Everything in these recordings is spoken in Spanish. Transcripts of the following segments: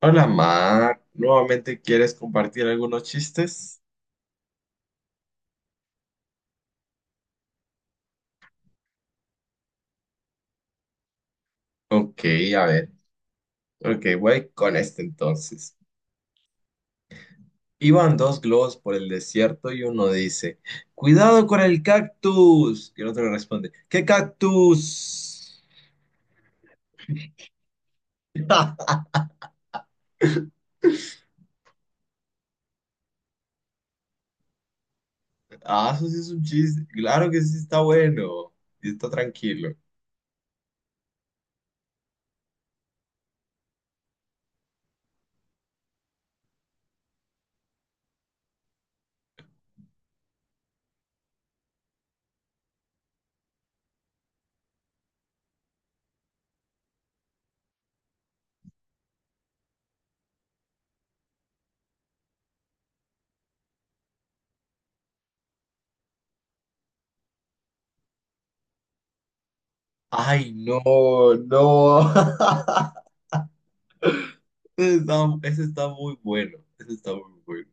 Hola, Mar. ¿Nuevamente quieres compartir algunos chistes? Ok, a ver. Ok, voy con este entonces. Iban dos globos por el desierto y uno dice, ¡cuidado con el cactus! Y el otro le responde, ¿qué cactus? Ah, eso sí es un chiste. Claro que sí está bueno. Y está tranquilo. Ay, no, no. Ese está, ese está muy bueno. Ese está muy bueno.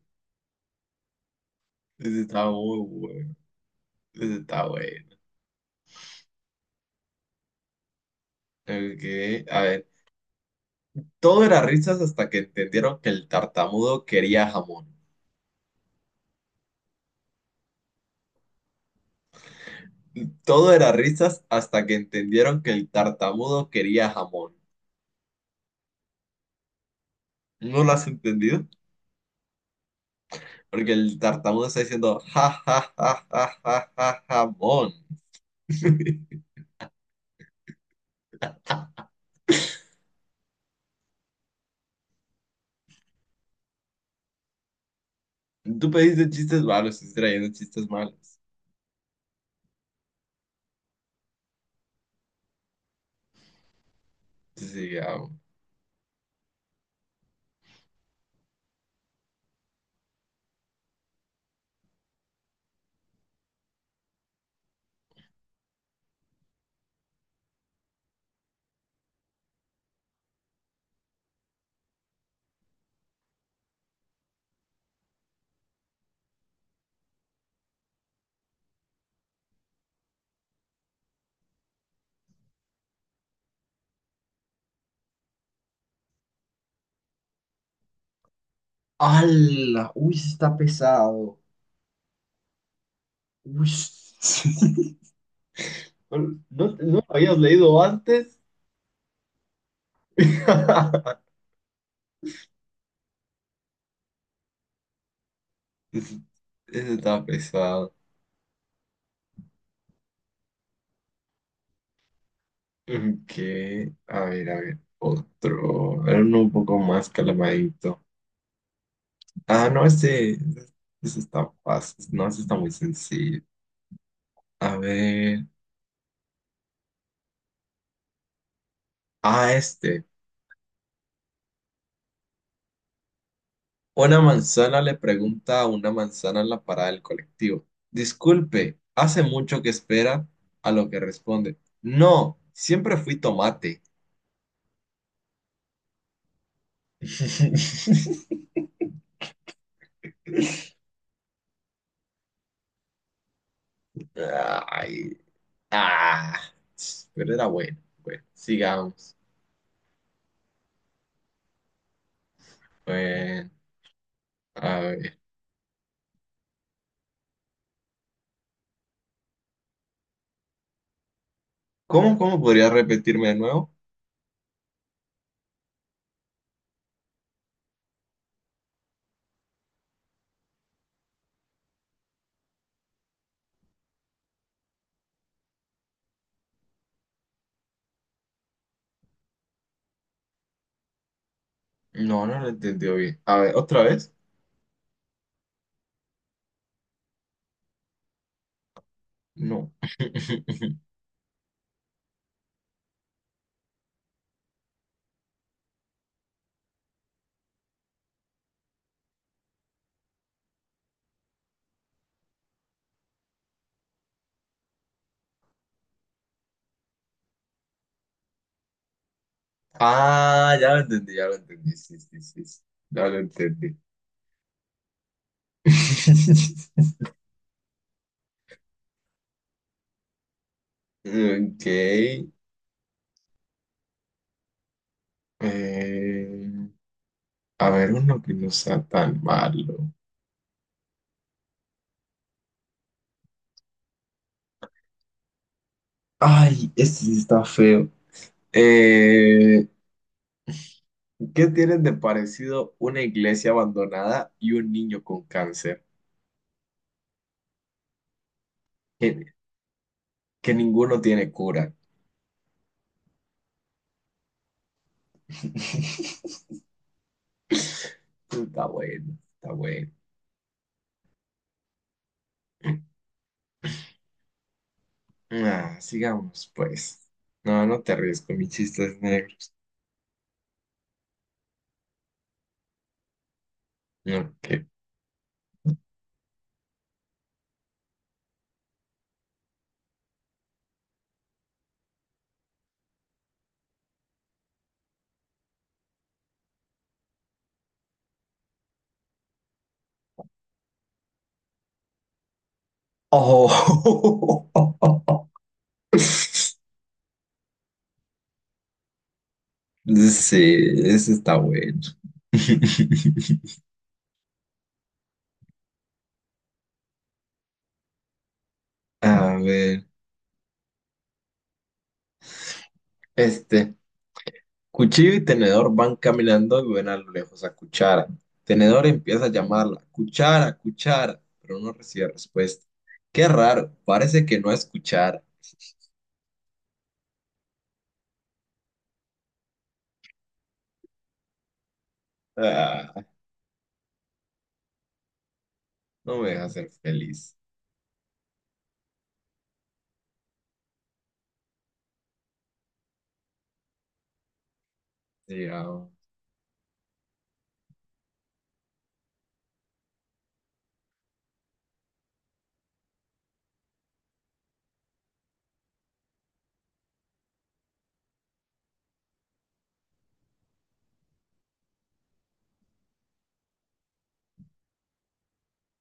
Ese está muy bueno. Ese está bueno. Ok, a ver, todo era risas hasta que entendieron que el tartamudo quería jamón. Todo era risas hasta que entendieron que el tartamudo quería jamón. ¿No lo has entendido? Porque el tartamudo está diciendo ja ja ja ja ja ja jamón. Tú pediste chistes malos, estás trayendo chistes malos. Sí, ¡hala! Uy, sí está pesado. Uy. ¿No, no lo habías leído antes? Ese está pesado. Que, a ver, otro, a ver, uno un poco más calamadito. Ah, no, ese ese está fácil, no, ese está muy sencillo. A ver, ah, este. Una manzana le pregunta a una manzana en la parada del colectivo. Disculpe, hace mucho que espera, a lo que responde. No, siempre fui tomate. Ay, ah, pero era bueno. Bueno, sigamos. Bueno, a ver. ¿Cómo, cómo podría repetirme de nuevo? No, no lo entendió bien. A ver, ¿otra vez? No. Ah, ya lo entendí, ya lo entendí. Sí, sí, sí. Sí. Ya lo entendí. Ok. eh, a ver, uno que no sea tan malo. Ay, este sí está feo. Eh, ¿Qué tienen de parecido una iglesia abandonada y un niño con cáncer? Que, que ninguno tiene cura. Está bueno, está bueno. Ah, sigamos, pues. No, no te ríes con mis chistes negros. No, que. Oh. Sí, ese está bueno. A ver, este. Cuchillo y tenedor van caminando y ven a lo lejos a Cuchara. Tenedor empieza a llamarla, Cuchara, Cuchara, pero no recibe respuesta. Qué raro, parece que no es Cuchara. Ah, no me deja ser feliz. Sigamos.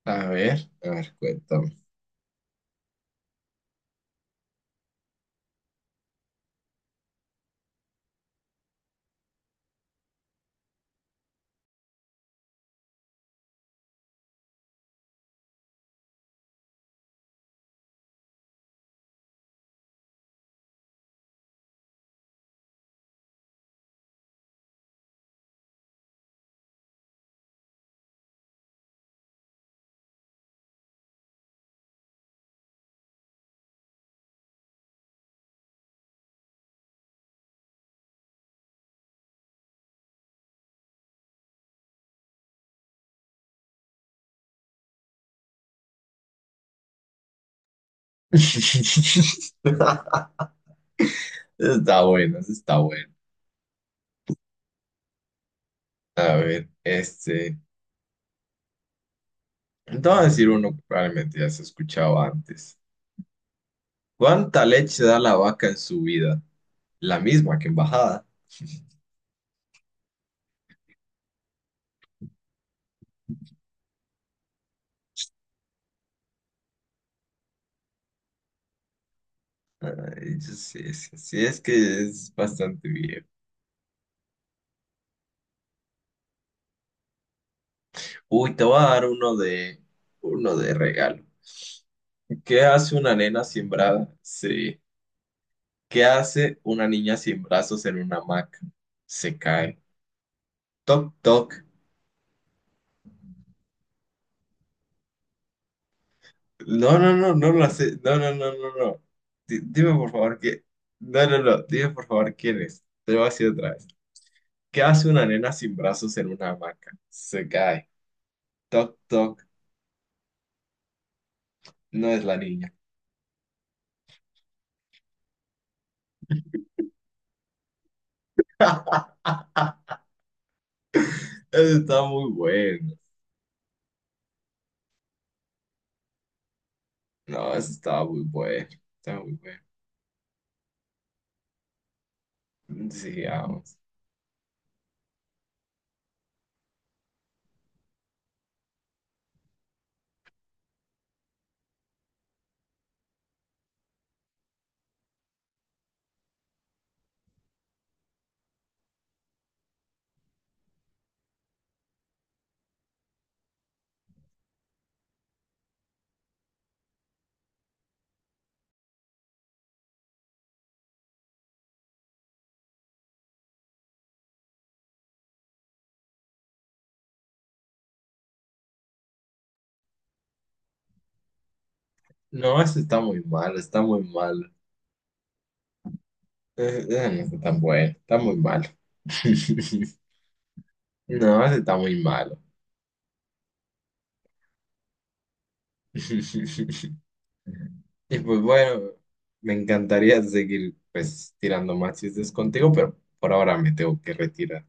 A ver, cuéntame. Está bueno, eso está bueno. A ver, este. Te voy a decir uno que probablemente ya se ha escuchado antes. ¿Cuánta leche da la vaca en su vida? La misma que en bajada. Yo sí, sí, sí, es que es bastante bien. Uy, te voy a dar uno de regalo. ¿Qué hace una nena sin brazos? Sí. ¿Qué hace una niña sin brazos en una hamaca? Se cae. Toc, toc. No, no, no, no lo hace. No, no, no, no, no. Dime por favor que. No, no, no. Dime por favor quién es. Te lo voy a decir otra vez. ¿Qué hace una nena sin brazos en una hamaca? Se cae. Toc, toc. No es la niña. Eso está muy bueno. No, eso está muy bueno. Está muy bueno. Sigamos. No, eso está muy malo. Está muy malo. No está tan bueno. Está muy malo. No, eso está muy malo. Y pues bueno, me encantaría seguir pues tirando más chistes contigo, pero por ahora me tengo que retirar.